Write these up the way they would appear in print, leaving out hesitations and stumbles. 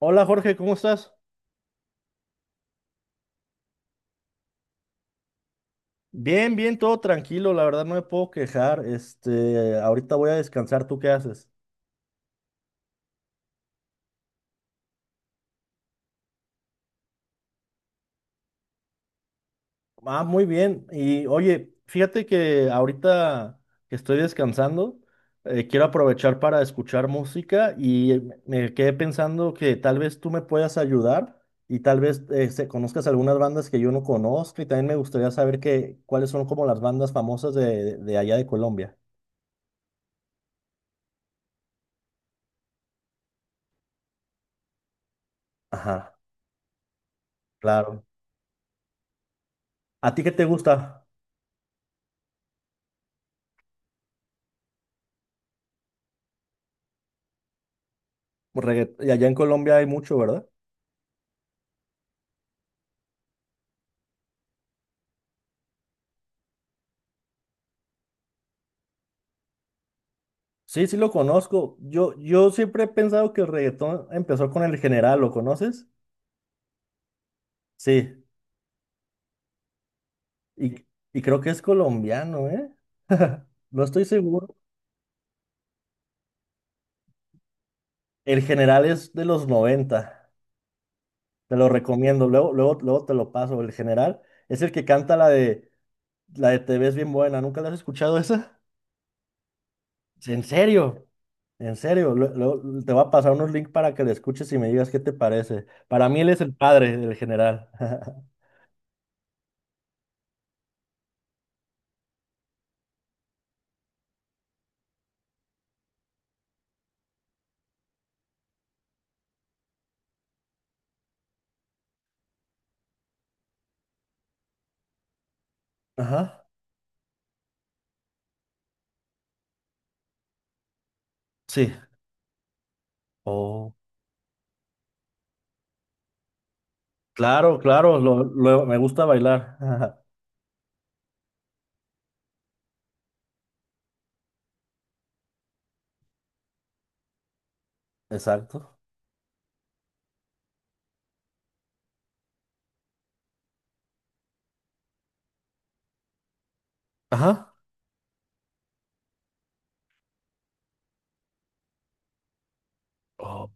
Hola Jorge, ¿cómo estás? Bien, bien, todo tranquilo, la verdad no me puedo quejar. Este, ahorita voy a descansar, ¿tú qué haces? Ah, muy bien. Y oye, fíjate que ahorita que estoy descansando, quiero aprovechar para escuchar música y me quedé pensando que tal vez tú me puedas ayudar y tal vez conozcas algunas bandas que yo no conozco y también me gustaría saber cuáles son como las bandas famosas de allá de Colombia. Ajá, claro. ¿A ti qué te gusta? Y allá en Colombia hay mucho, ¿verdad? Sí, sí lo conozco. Yo siempre he pensado que el reggaetón empezó con el general, ¿lo conoces? Sí, y, y creo que es colombiano, ¿eh? No estoy seguro. El general es de los 90. Te lo recomiendo, luego, luego, luego te lo paso. El general es el que canta la de Te ves bien buena, ¿nunca la has escuchado esa? En serio, en serio, luego te voy a pasar unos links para que la escuches y me digas qué te parece. Para mí él es el padre del general. Ajá, sí. Oh, claro, claro, me gusta bailar. Ajá, exacto. Ajá. Oh,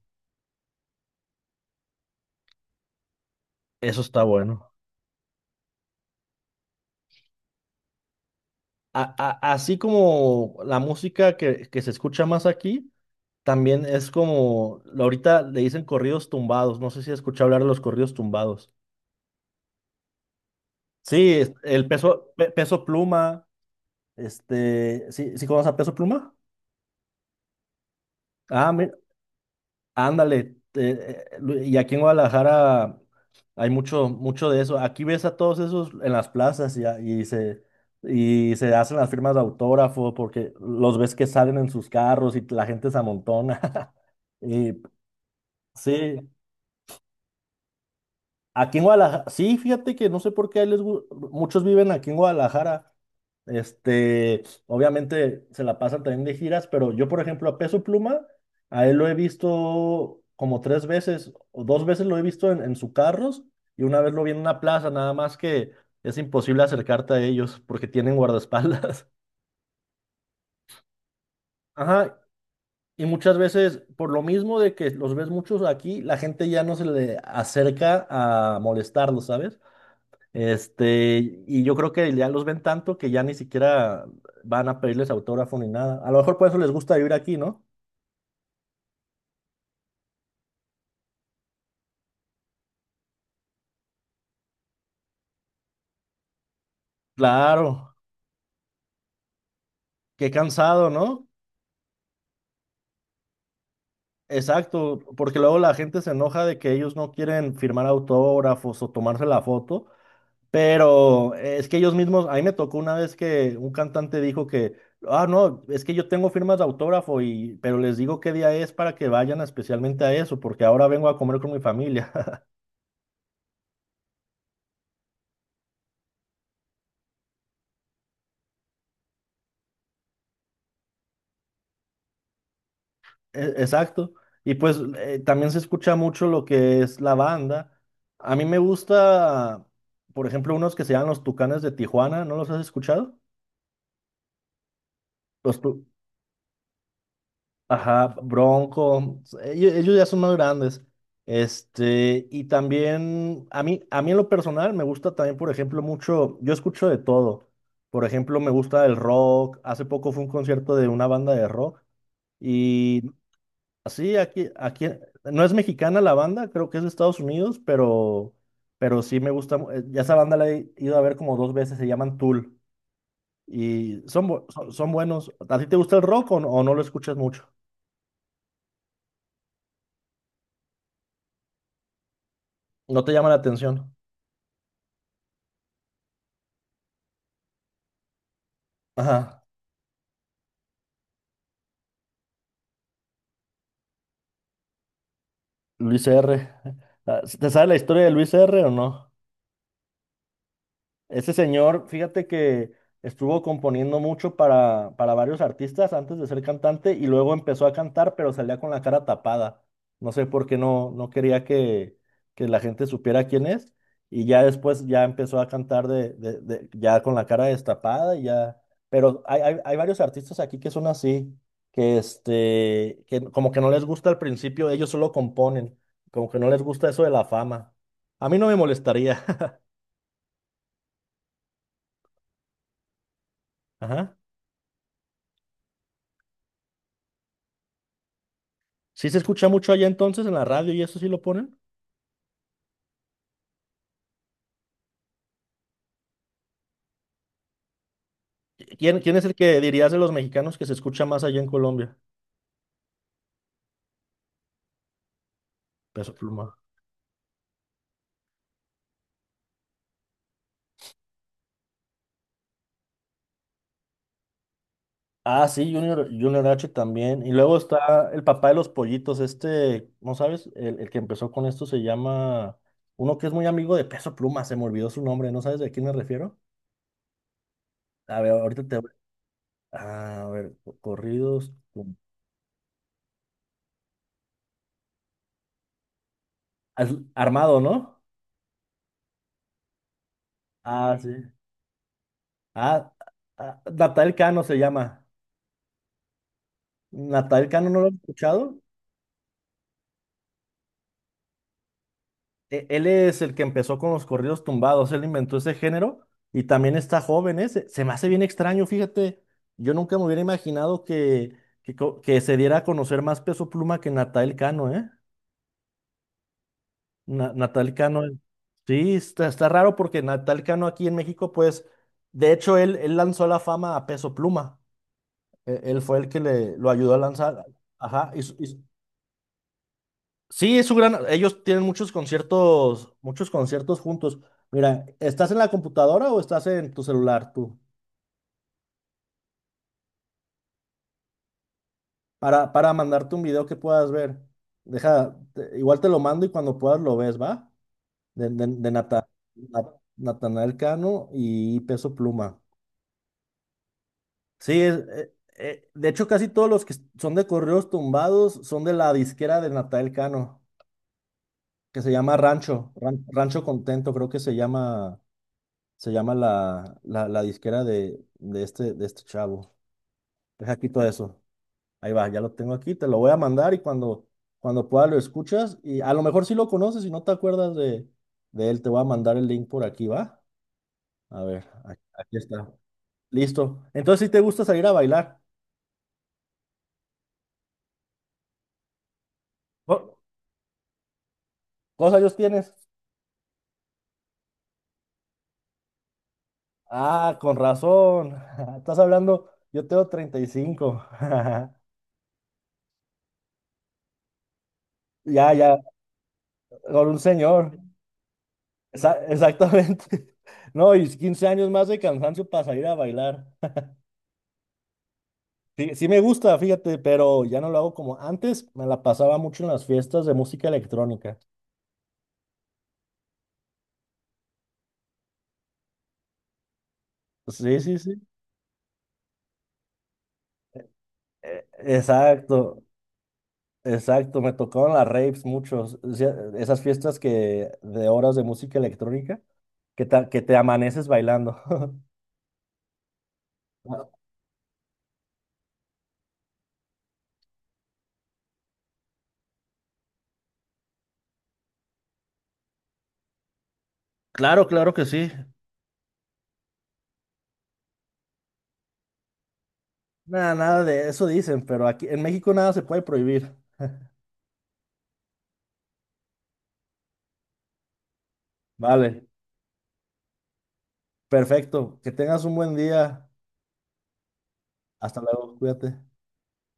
eso está bueno. Así como la música que se escucha más aquí, también es como, ahorita le dicen corridos tumbados. No sé si has escuchado hablar de los corridos tumbados. Sí, Peso Pluma, este, ¿sí, sí conoces a Peso Pluma? Ah, ándale, eh, eh, y aquí en Guadalajara hay mucho, mucho de eso. Aquí ves a todos esos en las plazas y, y se hacen las firmas de autógrafo porque los ves que salen en sus carros y la gente se amontona. Y sí, aquí en Guadalajara, sí, fíjate que no sé por qué muchos viven aquí en Guadalajara. Este, obviamente se la pasan también de giras, pero yo, por ejemplo, a Peso Pluma, a él lo he visto como tres veces o dos veces lo he visto en sus carros y una vez lo vi en una plaza, nada más que es imposible acercarte a ellos porque tienen guardaespaldas. Ajá, y muchas veces, por lo mismo de que los ves muchos aquí, la gente ya no se le acerca a molestarlos, ¿sabes? Este, y yo creo que ya los ven tanto que ya ni siquiera van a pedirles autógrafo ni nada. A lo mejor por eso les gusta vivir aquí, ¿no? Claro, qué cansado, ¿no? Exacto, porque luego la gente se enoja de que ellos no quieren firmar autógrafos o tomarse la foto, pero es que ellos mismos, a mí me tocó una vez que un cantante dijo que, ah, no, es que yo tengo firmas de autógrafo pero les digo qué día es para que vayan especialmente a eso, porque ahora vengo a comer con mi familia. Exacto. Y pues también se escucha mucho lo que es la banda. A mí me gusta, por ejemplo, unos que se llaman los Tucanes de Tijuana. ¿No los has escuchado? Los tu- Ajá, Bronco. Ellos ya son más grandes. Este, y también a mí, en lo personal me gusta también, por ejemplo, mucho, yo escucho de todo. Por ejemplo, me gusta el rock. Hace poco fue un concierto de una banda de rock. Y Sí, aquí, no es mexicana la banda, creo que es de Estados Unidos, pero sí me gusta. Ya esa banda la he ido a ver como dos veces, se llaman Tool y son buenos. ¿A ti te gusta el rock o no lo escuchas mucho? ¿No te llama la atención? Ajá, Luis R. Ah, ¿te sabes la historia de Luis R o no? Ese señor, fíjate que estuvo componiendo mucho para varios artistas antes de ser cantante y luego empezó a cantar, pero salía con la cara tapada. No sé por qué no, no quería que la gente supiera quién es. Y ya después ya empezó a cantar ya con la cara destapada y ya. Pero hay varios artistas aquí que son así, que este, que como que no les gusta al principio, ellos solo componen, como que no les gusta eso de la fama. A mí no me molestaría. Ajá. ¿Sí se escucha mucho allá entonces en la radio y eso sí lo ponen? ¿Quién es el que dirías de los mexicanos que se escucha más allá en Colombia? Peso Pluma. Ah, sí, Junior H también. Y luego está el papá de los pollitos, este, ¿no sabes? El que empezó con esto se llama, uno que es muy amigo de Peso Pluma, se me olvidó su nombre, ¿no sabes de quién me refiero? A ver, ahorita te... A ver, corridos. Armado, ¿no? Ah, sí. Ah, ah, Natal Cano se llama. ¿Natal Cano no lo has escuchado? Él es el que empezó con los corridos tumbados, él inventó ese género y también está joven, ¿eh? Se me hace bien extraño, fíjate, yo nunca me hubiera imaginado que se diera a conocer más Peso Pluma que Natal Cano, ¿eh? Natal Cano, sí, está raro porque Natal Cano aquí en México, pues, de hecho, él lanzó la fama a Peso Pluma, él fue el que lo ayudó a lanzar, ajá, sí, es su gran. Ellos tienen muchos conciertos juntos. Mira, ¿estás en la computadora o estás en tu celular tú? Para mandarte un video que puedas ver. Deja, igual te lo mando y cuando puedas lo ves, ¿va? De Natanael Cano y Peso Pluma. Sí, de hecho casi todos los que son de correos tumbados son de la disquera de Natanael Cano, que se llama Rancho Contento, creo que se llama. Se llama la disquera de este chavo. Deja aquí todo eso. Ahí va, ya lo tengo aquí, te lo voy a mandar y cuando pueda lo escuchas. Y a lo mejor sí lo conoces y no te acuerdas de él, te voy a mandar el link por aquí, ¿va? A ver, aquí está. Listo. Entonces, si te gusta salir a bailar, Co- ¿cuántos años tienes? Ah, con razón. Estás hablando, yo tengo 35. Ya, ya, con un señor. Exactamente. No, y 15 años más de cansancio para salir a bailar. Sí, sí me gusta, fíjate, pero ya no lo hago como antes. Me la pasaba mucho en las fiestas de música electrónica. Sí, sí, sí. Exacto, exacto. Me tocaban las raves muchos. O sea, esas fiestas que de horas de música electrónica que te amaneces bailando. Ah, claro, claro que sí. Nada, nada de eso dicen, pero aquí en México nada se puede prohibir. Vale, perfecto. Que tengas un buen día. Hasta luego, cuídate.